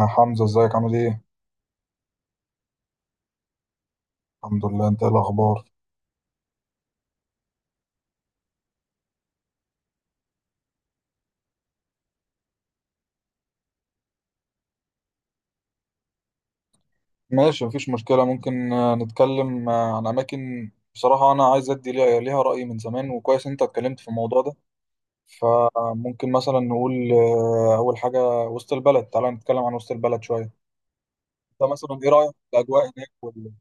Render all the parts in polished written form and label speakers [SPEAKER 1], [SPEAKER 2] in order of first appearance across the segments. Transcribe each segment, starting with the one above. [SPEAKER 1] يا حمزة، ازيك عامل ايه؟ الحمد لله. انت ايه الاخبار؟ ماشي، مفيش مشكلة. ممكن نتكلم عن اماكن. بصراحة انا عايز ادي ليها رأي من زمان، وكويس انت اتكلمت في الموضوع ده. فممكن مثلا نقول اول حاجة وسط البلد. تعالى نتكلم عن وسط البلد شوية. انت مثلا ايه رأيك في الاجواء هناك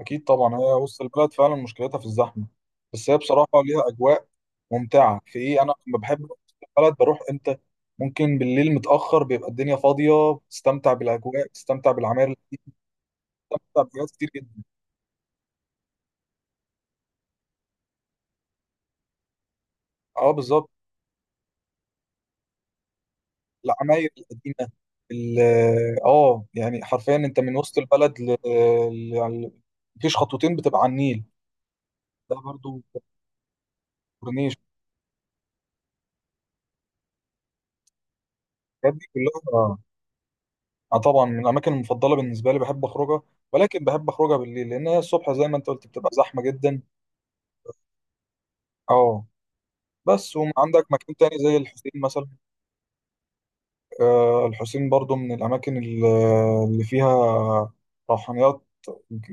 [SPEAKER 1] اكيد طبعا، هي وسط البلد فعلا مشكلتها في الزحمة. بس هي بصراحة ليها اجواء ممتعة في ايه. انا لما بحب أروح البلد بروح امتى؟ ممكن بالليل متأخر، بيبقى الدنيا فاضية، بتستمتع بالاجواء، بتستمتع بالعماير القديمة، بتستمتع بحاجات كتير جدا. اه، بالظبط. العماير القديمة. ال- اه يعني حرفيا انت من وسط البلد يعني مفيش خطوتين بتبقى على النيل. ده برضو كورنيش. الحاجات دي كلها. اه طبعا، من الاماكن المفضلة بالنسبة لي بحب اخرجها، ولكن بحب اخرجها بالليل، لان هي الصبح زي ما انت قلت بتبقى زحمة جدا. اه. بس وعندك مكان تاني زي الحسين مثلا. الحسين برضو من الأماكن اللي فيها روحانيات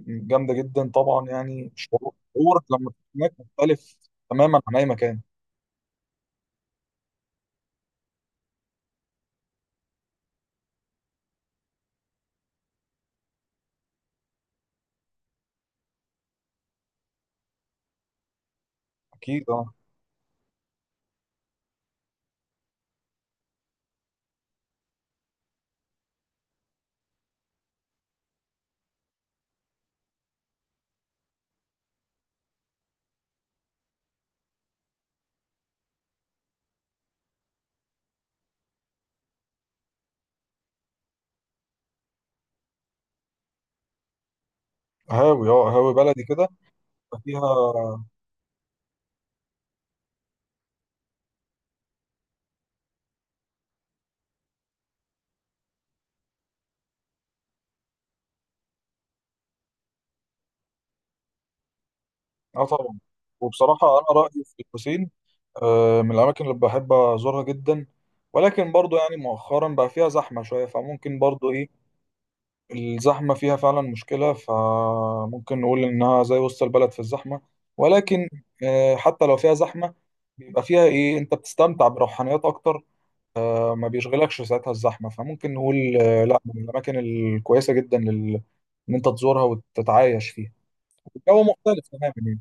[SPEAKER 1] جامدة جدا. طبعا يعني شعورك لما تكون هناك مختلف تماما عن أي مكان. أكيد. أه، هاوي هاوي بلدي كده. فيها. أه طبعا. وبصراحة أنا رأيي في الحسين من الأماكن اللي بحب أزورها جدا. ولكن برضو يعني مؤخرا بقى فيها زحمة شوية، فممكن برضو إيه، الزحمة فيها فعلا مشكلة. فممكن نقول إنها زي وسط البلد في الزحمة، ولكن حتى لو فيها زحمة، بيبقى فيها إيه، أنت بتستمتع بروحانيات أكتر. ما بيشغلكش ساعتها الزحمة. فممكن نقول لا، من الأماكن الكويسة جدا إن أنت تزورها وتتعايش فيها. الجو مختلف تماما يعني.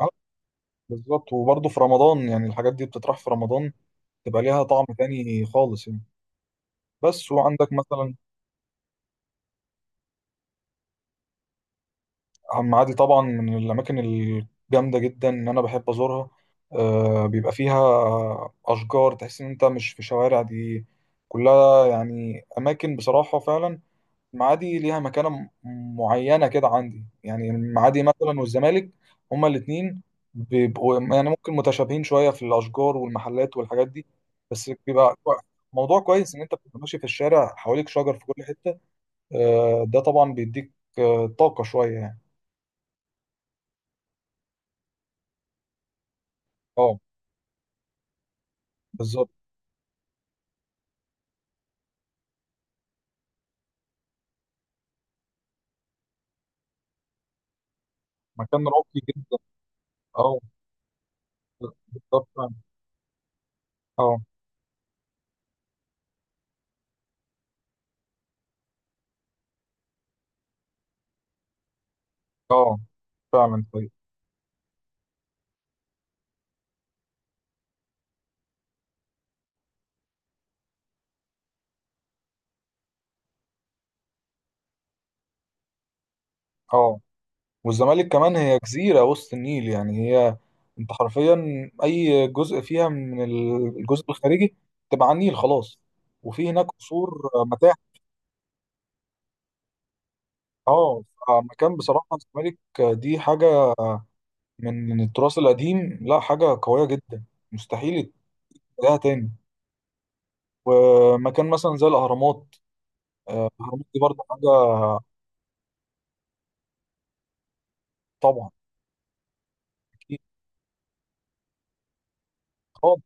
[SPEAKER 1] أه، بالظبط. وبرضه في رمضان يعني الحاجات دي بتطرح في رمضان، تبقى ليها طعم تاني خالص يعني. بس وعندك مثلا عم عادل، طبعا من الأماكن الجامدة جدا إن أنا بحب أزورها. آه بيبقى فيها أشجار، تحس إن أنت مش في شوارع دي كلها يعني، أماكن بصراحة فعلا. المعادي ليها مكانة معينة كده عندي. يعني المعادي مثلا والزمالك هما الاتنين بيبقوا يعني ممكن متشابهين شوية في الأشجار والمحلات والحاجات دي. بس بيبقى موضوع كويس إن أنت بتبقى ماشي في الشارع حواليك شجر في كل حتة. آه، ده طبعا بيديك آه طاقة شوية يعني. اه بالظبط، مكان راقي جدا. اه بالظبط فعلا. اه. اه فعلا. طيب. اه. والزمالك كمان هي جزيرة وسط النيل يعني. هي انت حرفيا اي جزء فيها من الجزء الخارجي تبقى على النيل خلاص. وفي هناك قصور، متاحف. اه، مكان بصراحة الزمالك دي حاجة من التراث القديم، لا حاجة قوية جدا مستحيل تلاقيها تاني. ومكان مثلا زي الأهرامات. الأهرامات دي برضه حاجة. طبعا. أكيد. طبعا.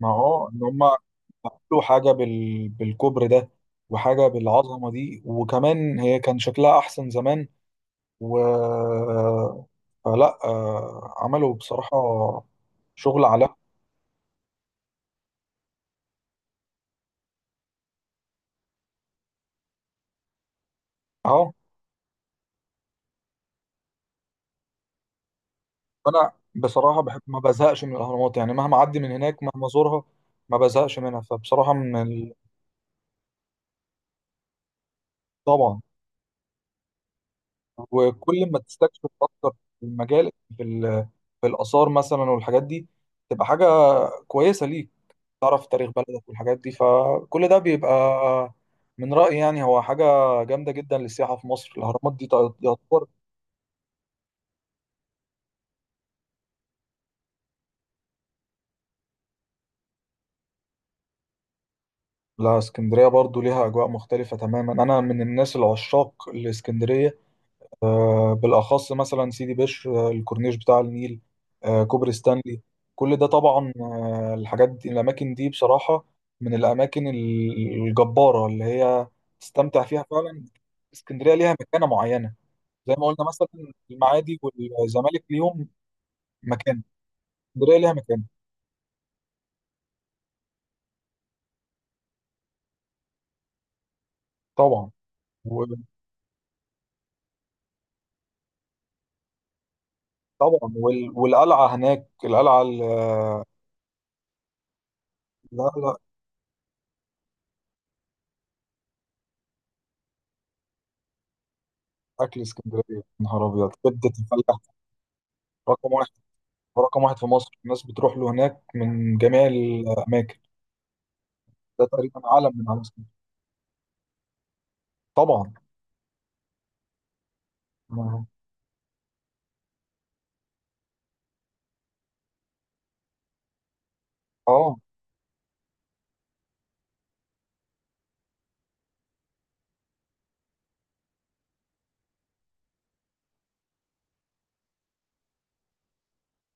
[SPEAKER 1] ما هو ان هم عملوا حاجة بالكبر ده، وحاجة بالعظمة دي، وكمان هي كان شكلها أحسن زمان. و فلا عملوا بصراحة شغل على. أهو. أنا بصراحة بحب ما بزهقش من الأهرامات يعني، مهما أعدي من هناك مهما أزورها ما بزهقش منها. فبصراحة من طبعا. وكل ما تستكشف أكتر في المجال، في, ال... في الآثار مثلا والحاجات دي، تبقى حاجة كويسة ليك. تعرف تاريخ بلدك والحاجات دي، فكل ده بيبقى من رأيي يعني هو حاجة جامدة جدا للسياحة في مصر. الأهرامات دي تعتبر. لا، اسكندرية برضو ليها أجواء مختلفة تماما. أنا من الناس العشاق لإسكندرية، بالأخص مثلا سيدي بشر، الكورنيش بتاع النيل، كوبري ستانلي. كل ده طبعا، الحاجات دي الأماكن دي بصراحة من الأماكن الجبارة اللي هي تستمتع فيها فعلا. اسكندرية ليها مكانة معينة زي ما قلنا مثلا. المعادي والزمالك ليهم مكان. اسكندريه ليها مكان. طبعا. وطبعا والقلعه هناك، القلعه لا لا. اكل اسكندريه يا نهار ابيض، كبده الفلاح. رقم واحد. رقم واحد في مصر، الناس بتروح له هناك من جميع الاماكن. ده تقريبا علم من علم اسكندريه. طبعا. ما- اه.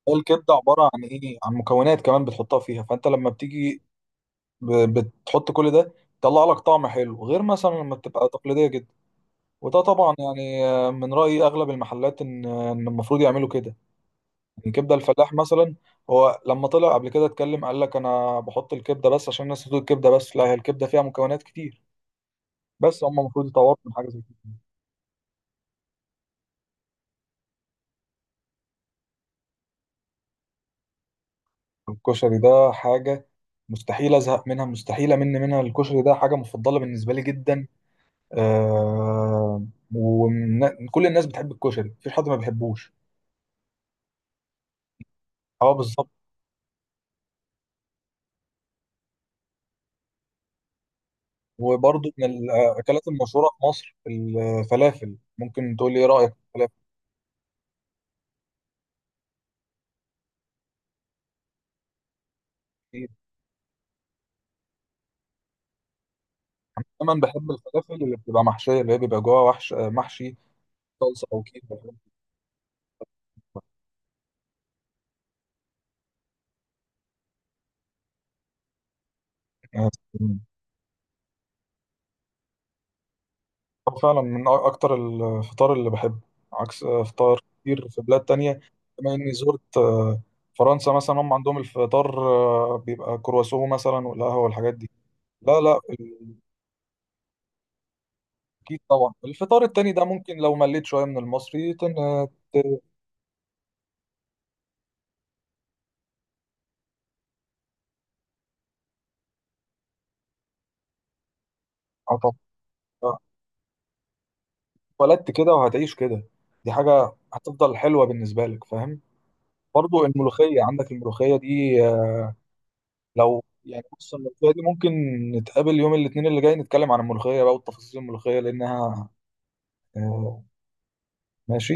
[SPEAKER 1] الكبده عباره عن ايه، عن مكونات كمان بتحطها فيها. فانت لما بتيجي ب... بتحط كل ده، يطلع لك طعم حلو غير مثلا لما بتبقى تقليديه جدا. وده طبعا يعني من رأي أغلب المحلات إن المفروض يعملوا كده. يعني كبدة الفلاح مثلا، هو لما طلع قبل كده اتكلم قال لك أنا بحط الكبدة بس عشان الناس بتقول الكبدة بس. لا، هي الكبدة فيها مكونات كتير. بس هم المفروض يطوروا من حاجة زي كده. الكشري ده حاجة مستحيل أزهق منها، مستحيل أمل منها. الكشري ده حاجة مفضلة بالنسبة لي جدا. آه. وكل الناس بتحب الكشري، مفيش حد ما بيحبوش. اه، بالظبط. وبرضه من الأكلات المشهورة في مصر الفلافل. ممكن تقول لي إيه رأيك في الفلافل؟ إيه؟ دايما بحب الفلافل اللي بتبقى محشية، اللي هي بيبقى جواها وحش محشي، صلصة أو كده. هو فعلا من أكتر الفطار اللي بحبه، عكس فطار كتير في بلاد تانية. بما إني زرت فرنسا مثلا، هم عندهم الفطار بيبقى كرواسون مثلا والقهوة والحاجات دي. لا لا. أكيد طبعا الفطار التاني ده ممكن لو مليت شوية من المصري ت- اه طبعا. اتولدت كده وهتعيش كده. دي حاجة هتفضل حلوة بالنسبة لك فاهم. برضو الملوخية، عندك الملوخية دي. آه، لو يعني بص الملوخية دي ممكن نتقابل يوم الاثنين اللي جاي، نتكلم عن الملوخية بقى وتفاصيل الملوخية لأنها آه، ماشي.